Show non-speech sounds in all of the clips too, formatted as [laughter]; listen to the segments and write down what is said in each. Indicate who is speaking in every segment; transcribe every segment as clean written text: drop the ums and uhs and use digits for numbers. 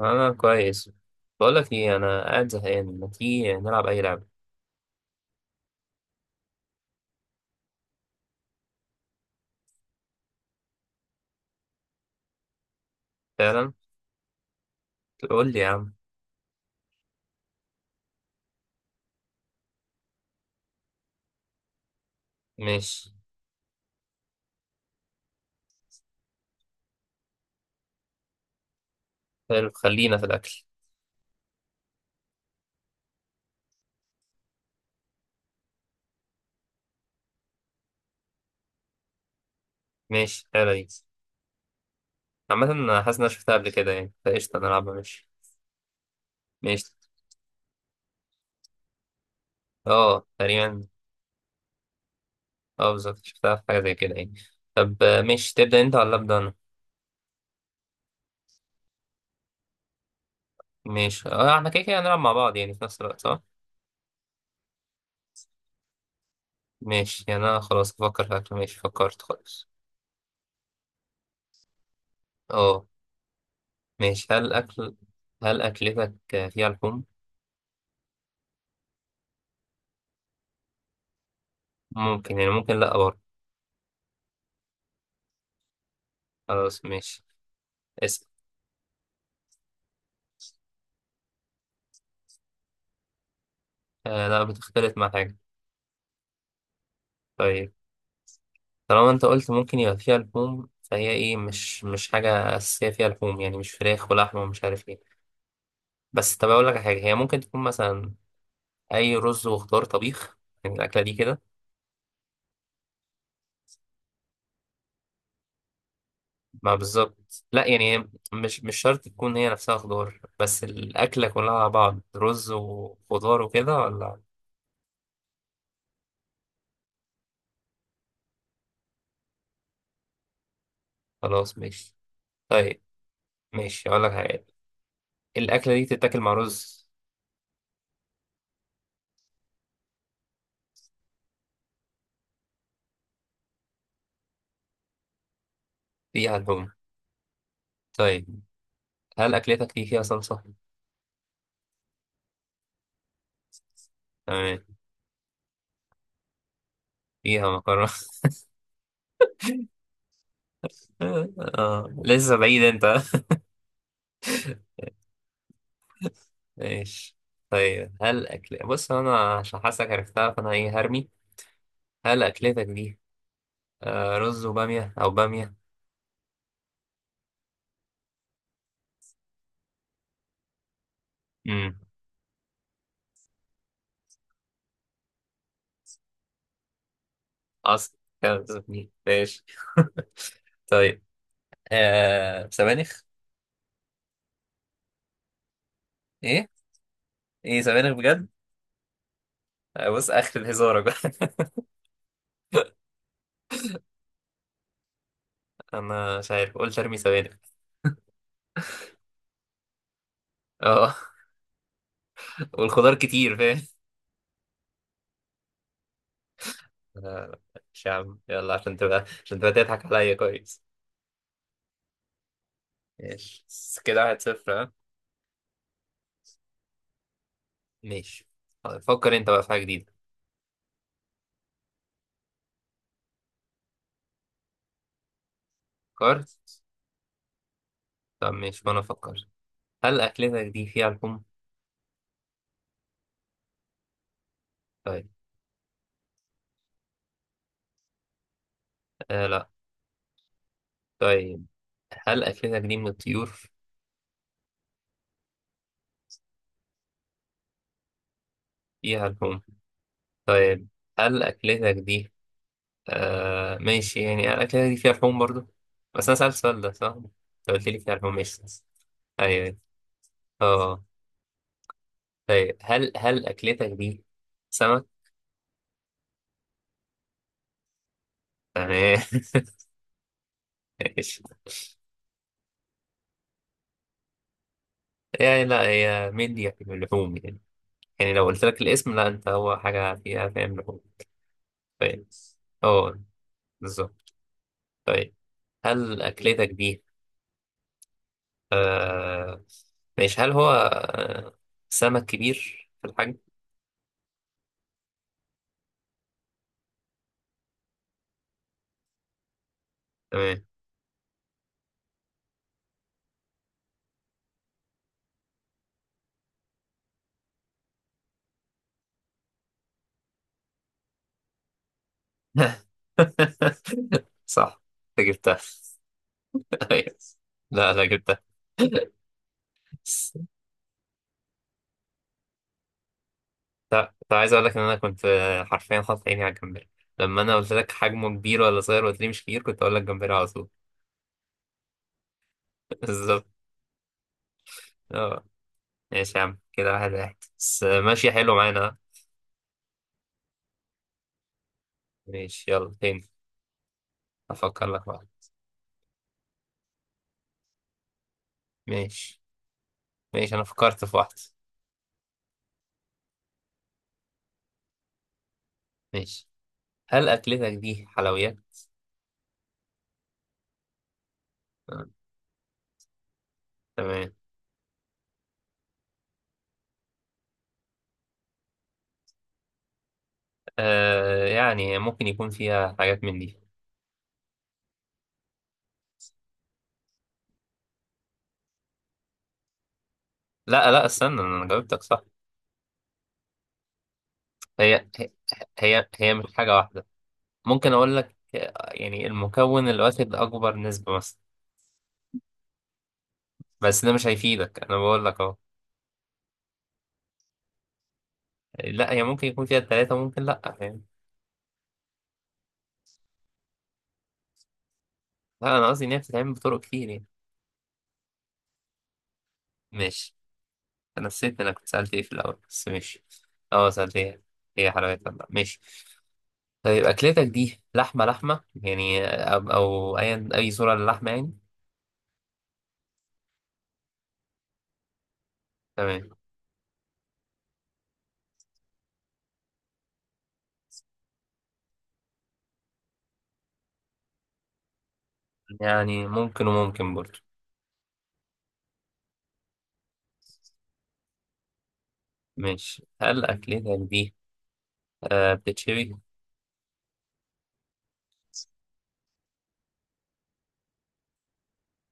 Speaker 1: انا كويس. بقول لك ايه، انا قاعد زهقان، ما تيجي نلعب اي لعبه؟ فعلا. قول لي يا عم. ماشي. حلو، خلينا في الاكل. ماشي، حلو دي. عامه انا حاسس ان انا شفتها قبل كده يعني، فقشطه نلعبها ماشي. ماشي. اه تقريبا. اه بالظبط، شفتها في حاجه زي كده يعني. طب ماشي، تبدا انت ولا ابدا انا؟ ماشي اه، احنا كده كده هنلعب مع بعض يعني في نفس الوقت، صح؟ ماشي يعني، انا خلاص افكر في اكل، ماشي فكرت خالص. اه. ماشي، هل اكل؟ هل اكلتك فيها لحوم؟ ممكن يعني، ممكن لا برضه. خلاص ماشي. اسأل. آه لا، بتختلف مع حاجة. طيب. طالما انت قلت ممكن يبقى فيها لحوم، فهي ايه، مش حاجة أساسية فيها لحوم يعني، مش فراخ ولحمة ومش عارف ايه. بس طب، أقول لك على حاجة هي ممكن تكون مثلا أي رز وخضار طبيخ، يعني الأكلة دي كده. ما بالظبط، لا يعني هي مش شرط تكون هي نفسها خضار، بس الأكلة كلها على بعض رز وخضار وكده ولا؟ خلاص ماشي. طيب. ماشي، أقول لك حاجة. الأكلة دي تتاكل مع رز. فيها لحوم. طيب، هل أكلتك دي فيها صلصة؟ تمام. فيها مكرونة. [laughs] آه لسه بعيد أنت. [laughs] ماشي. طيب هل أكل، بص أنا عشان حاسك عرفتها فأنا إيه هرمي. هل أكلتك دي رز وبامية أو بامية؟ امم. أصل كانت بتزبني. ماشي. [laughs] طيب. آه سبانخ. إيه؟ إيه سبانخ بجد؟ بص آخر الهزارة بقى. [laughs] أنا مش عارف قلت أرمي سبانخ. أه. [laughs] والخضار كتير فاهم. آه، مش يا عم، يلا عشان تبقى تضحك عليا كويس. ماشي بس كده واحد صفر ها. ماشي. طيب، فكر انت بقى في حاجة جديدة. فكرت. طب ماشي، وانا افكر. هل أكلتك دي فيها لحوم؟ طيب. آه لا. طيب، هل أكلتك دي من الطيور؟ فيها لحوم. طيب. هل أكلتك دي. ماشي يعني، هل أكلتك دي فيها لحوم برضو؟ بس أنا سألت السؤال ده صح؟ انت قلت لي فيها لحوم ماشي. أيوه أيوه. اه. طيب، هل أكلتك دي سمك؟ تمام. [laughs] ماشي. يعني لا، هي مندي يعني، من اللحوم يعني. يعني لو قلت لك الاسم، لا انت هو حاجة فيها فاهم لحوم. طيب. اه. بالظبط. طيب. هل أكلتك دي آه ماشي، هل هو سمك كبير في الحجم؟ تمام. [laughs] صح. انت جبتها. [laughs] أيوة. لا لا، جبتها. [laughs] لا، كنت عايز اقول لك ان انا كنت حرفيا حاطط عيني على الجمبري. لما انا قلت لك حجمه كبير ولا صغير وقلت لي مش كبير، كنت اقول لك جمبري على طول. [laughs] بالظبط. اه. ماشي يا عم، كده واحد واحد بس، ماشي حلو معانا. ماشي يلا تاني. أفكر لك واحدة. ماشي. ماشي، أنا فكرت في واحدة. ماشي، هل أكلتك دي حلويات؟ آه. تمام. آه، يعني ممكن يكون فيها حاجات من دي. لا لا، استنى أنا جاوبتك صح. هي هي. هي هي مش حاجة واحدة. ممكن أقول لك، يعني المكون اللي واخد أكبر نسبة مثلا. بس ده مش هيفيدك، أنا بقول لك أهو. لا، هي ممكن يكون فيها التلاتة، ممكن لا، فاهم. لا، أنا قصدي إن هي بتتعمل بطرق كتير يعني. ماشي. انا نسيت انا كنت سألت ايه في الاول، بس ماشي. اه، سألت ايه. ايه حلاوتها بقى، ماشي. طيب، اكلتك دي لحمة لحمة يعني، أو اي صورة للحمة يعني. تمام. يعني ممكن وممكن برضه. ماشي، هل اكلتك دي بتتشوي؟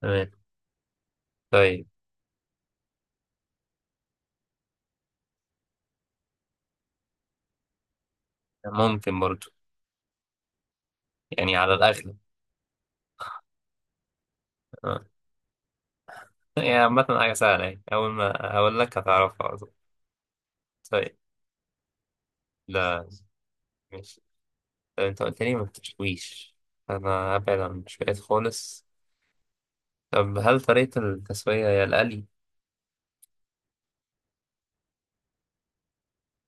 Speaker 1: تمام. طيب. ممكن برضه، يعني على الاغلب. آه. يعني عامة حاجة سهلة يعني، اول ما اقول لك هتعرفها على طول. طيب. لا. ماشي. طيب، انت قلت لي ما بتتشويش. انا هبعد عن المشويات خالص. طب هل طريقة التسوية هي القلي؟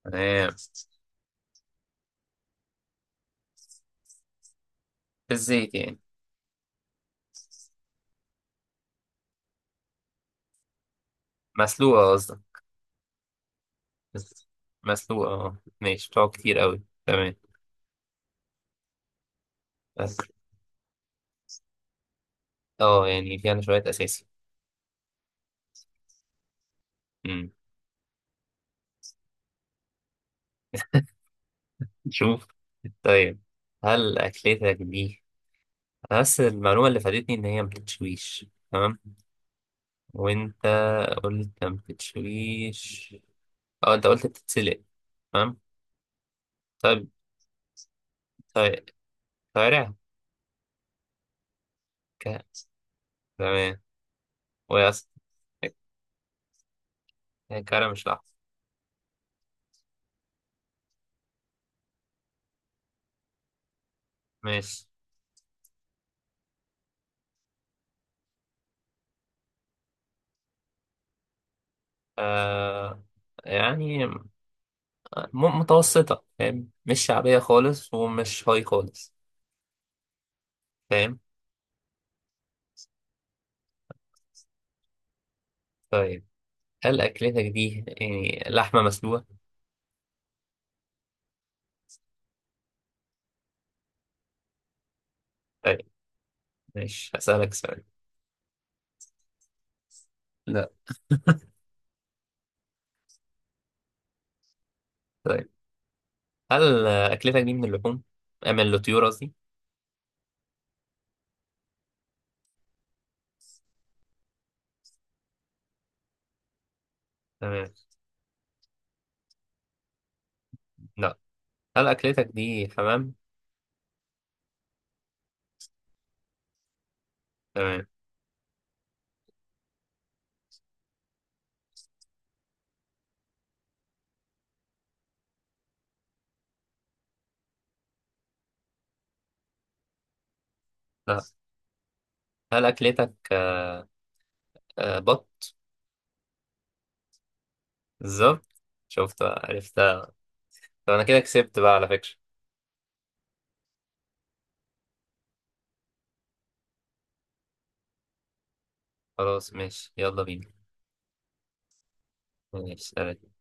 Speaker 1: تمام. بالزيت يعني. مسلوقة قصدك. بس- مسلوقة اه ماشي، بتقعد كتير قوي، تمام. بس اه، يعني فيها شوية أساسي. مم. شوف. طيب. هل أكلتك دي، بس المعلومة اللي فادتني إن هي مبتتشويش، تمام. وأنت قلت مبتتشويش. اه أنت قلت بتتسلق. تمام. طيب. طيب. طيب. تمام. وهي أصلا كرم مش لحظة. ماشي. آه يعني متوسطة فاهم، مش شعبية خالص ومش هاي خالص. فاهم. طيب، هل أكلتك دي يعني لحمة مسلوقة؟ طيب، ماشي هسألك سؤال. لا. طيب، هل أكلتك دي من اللحوم؟ من الطيور قصدي؟ تمام. لا. هل أكلتك دي حمام؟ تمام. لا. هل أكلتك بط؟ بالظبط. شفت بقى، عرفتها. طب أنا كده كسبت بقى على فكرة. خلاص ماشي، يلا بينا. ماشي.